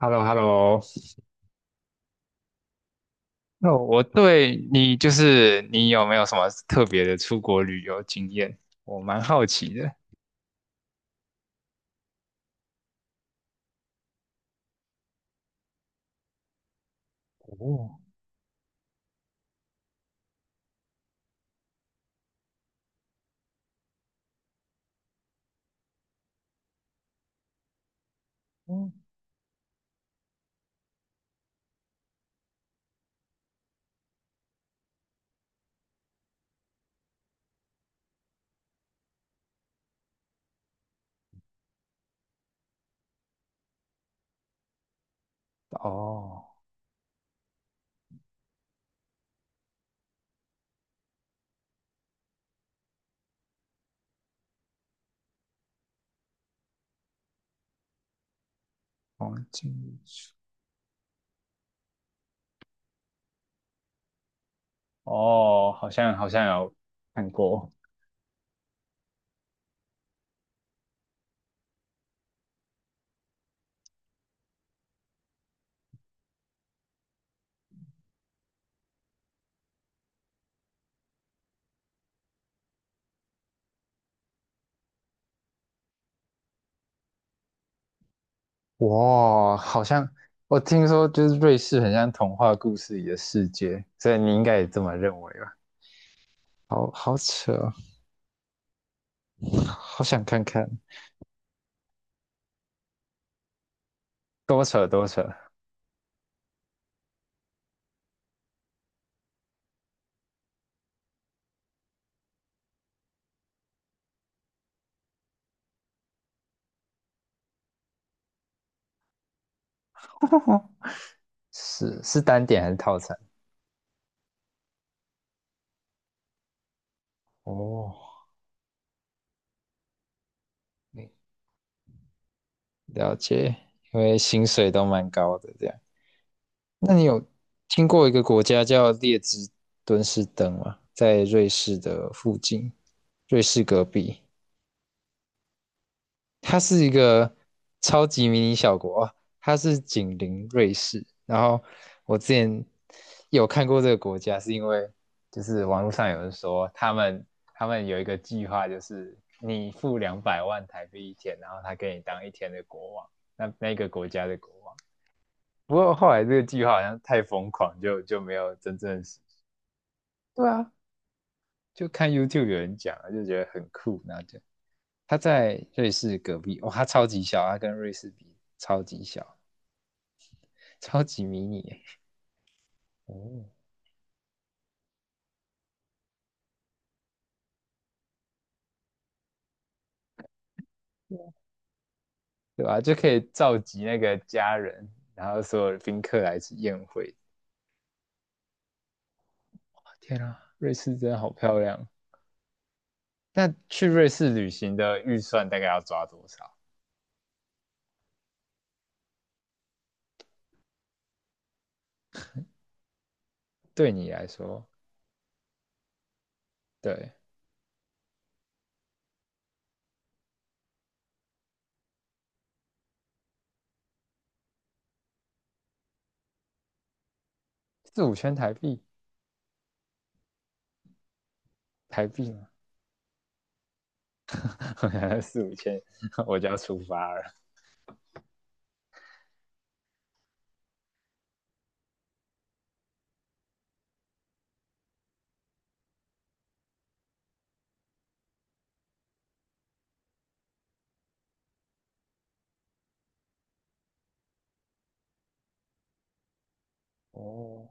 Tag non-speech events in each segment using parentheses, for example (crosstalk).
h e l l o h e l l o 那我对你就是你有没有什么特别的出国旅游经验？我蛮好奇的。哦，嗯哦，哦，经历哦，好像有看过。哇，好像我听说就是瑞士很像童话故事里的世界，所以你应该也这么认为吧？好扯哦好想看看，多扯多扯。(laughs) 是单点还是套餐？哦，了解，因为薪水都蛮高的这样。那你有听过一个国家叫列支敦士登吗？在瑞士的附近，瑞士隔壁，它是一个超级迷你小国啊，哦它是紧邻瑞士。然后我之前有看过这个国家，是因为就是网络上有人说他们有一个计划，就是你付200万台币一天，然后他给你当一天的国王，那个国家的国王。不过后来这个计划好像太疯狂，就没有真正的实现。对啊，就看 YouTube 有人讲，就觉得很酷，然后就他在瑞士隔壁，哇、他超级小，他跟瑞士比超级小，超级迷你耶哦，对吧、就可以召集那个家人，然后所有宾客来一起宴会。天啊，瑞士真的好漂亮！那去瑞士旅行的预算大概要抓多少？对你来说，对，四五千台币，台币吗？(laughs) 四五千 (laughs) 我就要出发了。哦，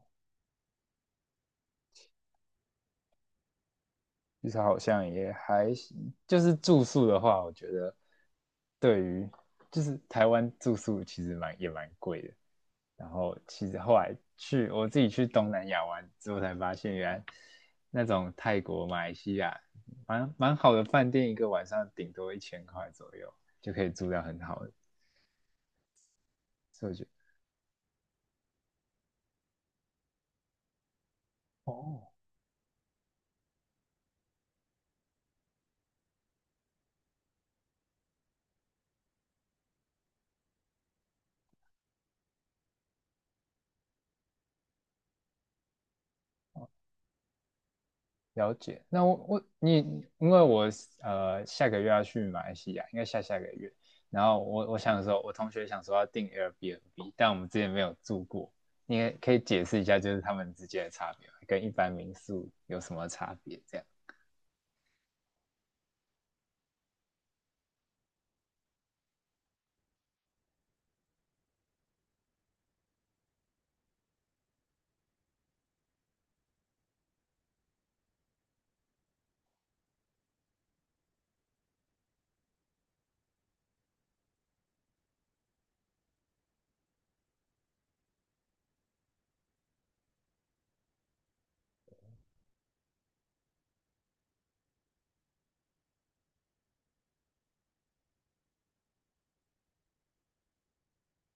至少好像也还行。就是住宿的话，我觉得对于就是台湾住宿其实也蛮贵的。然后其实后来我自己去东南亚玩之后，才发现原来那种泰国、马来西亚蛮好的饭店，一个晚上顶多1000块左右就可以住到很好的。所以我觉得哦，了解。那我我你因为我下个月要去马来西亚，应该下下个月。然后我想说，我同学想说要订 Airbnb，但我们之前没有住过。你也可以解释一下，就是他们之间的差别，跟一般民宿有什么差别？这样。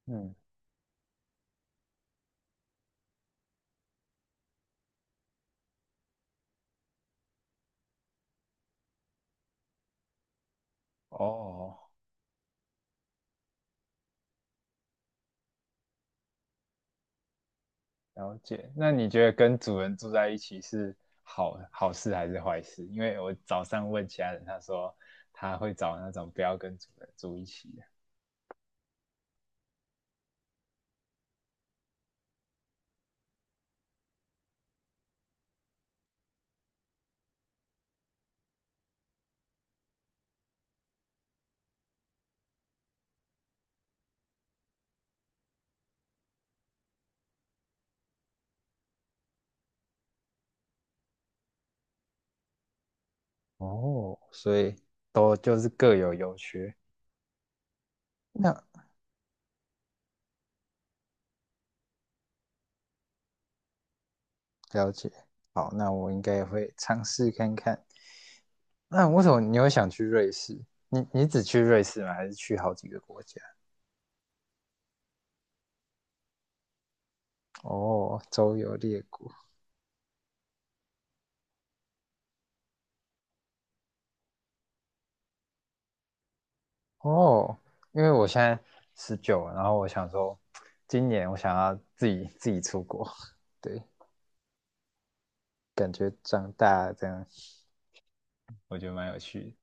嗯，哦，了解。那你觉得跟主人住在一起是好事还是坏事？因为我早上问其他人，他说他会找那种不要跟主人住一起的。哦，所以都就是各有优缺。那了解，好，那我应该也会尝试看看。那为什么你会想去瑞士？你只去瑞士吗？还是去好几个国家？哦，周游列国。哦，因为我现在19，然后我想说，今年我想要自己出国。(laughs) 对，感觉长大这样，我觉得蛮有趣的。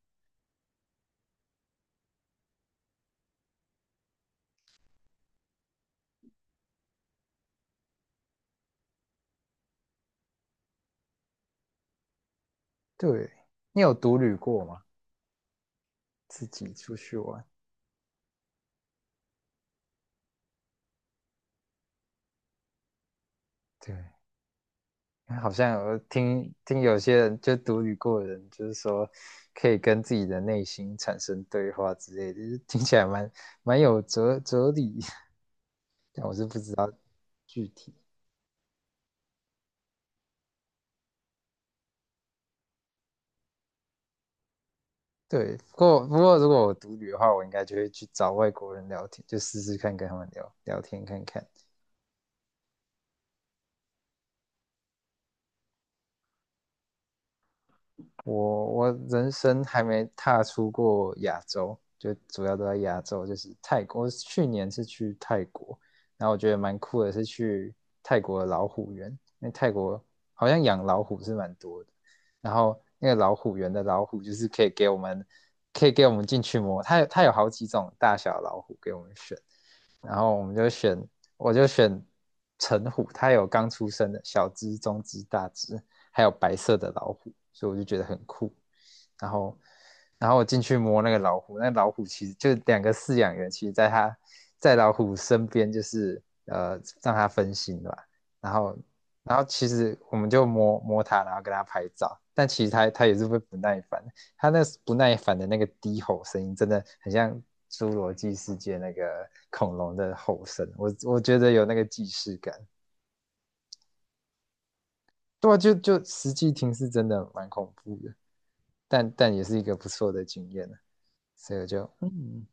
对，你有独旅过吗？自己出去玩？对。好像我听有些人就独旅过的人，就是说可以跟自己的内心产生对话之类的，就是听起来蛮有哲理，(laughs) 但我是不知道具体。对，不过如果我独旅的话，我应该就会去找外国人聊天，就试试看跟他们聊聊天看看。我人生还没踏出过亚洲，就主要都在亚洲，就是泰国。我去年是去泰国，然后我觉得蛮酷的是去泰国的老虎园，因为泰国好像养老虎是蛮多的。然后那个老虎园的老虎就是可以给我们进去摸，它有好几种大小老虎给我们选，然后我就选橙虎，它有刚出生的小只、中只、大只，还有白色的老虎，所以我就觉得很酷。然后，然后我进去摸那个老虎，那老虎其实就两个饲养员，其实在老虎身边，就是让它分心吧。然后，然后其实我们就摸摸它，然后跟它拍照，但其实它也是会不耐烦，他那不耐烦的那个低吼声音，真的很像侏罗纪世界那个恐龙的吼声，我觉得有那个既视感。对啊，就实际听是真的蛮恐怖的，但也是一个不错的经验呢。所以我就嗯，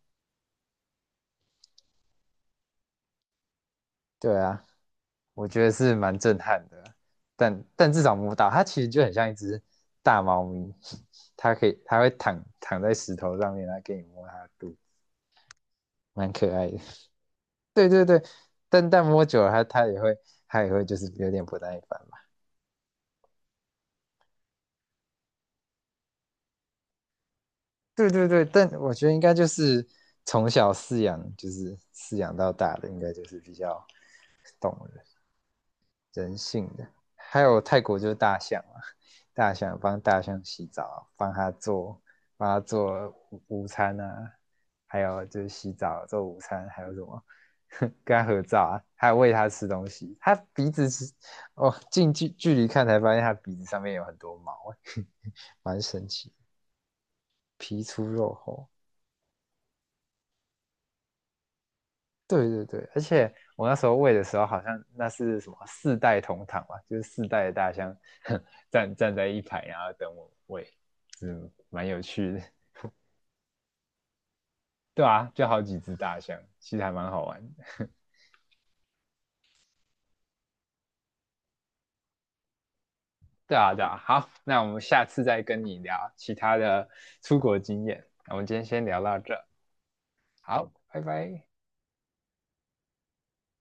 对啊，我觉得是蛮震撼的。但至少摸到它，其实就很像一只大猫咪，它可以它会躺在石头上面，来给你摸它的肚蛮可爱的。对对对，但摸久了它也会就是有点不耐烦嘛。对对对，但我觉得应该就是从小饲养，就是饲养到大的，应该就是比较懂人。人性的。还有泰国就是大象啊，大象帮大象洗澡，帮它做午餐啊，还有就是洗澡做午餐，还有什么跟它合照啊，还有喂它吃东西。它鼻子是哦，近距离看才发现它鼻子上面有很多毛欸，(laughs) 蛮神奇，皮粗肉厚。对对对，而且我那时候喂的时候，好像那是什么四代同堂嘛，就是四代的大象 (laughs) 站在一排，然后等我喂，嗯，蛮有趣的。(laughs) 对啊，就好几只大象，其实还蛮好玩的。(laughs) 对啊，对啊，好，那我们下次再跟你聊其他的出国经验。那我们今天先聊到这，好，拜拜。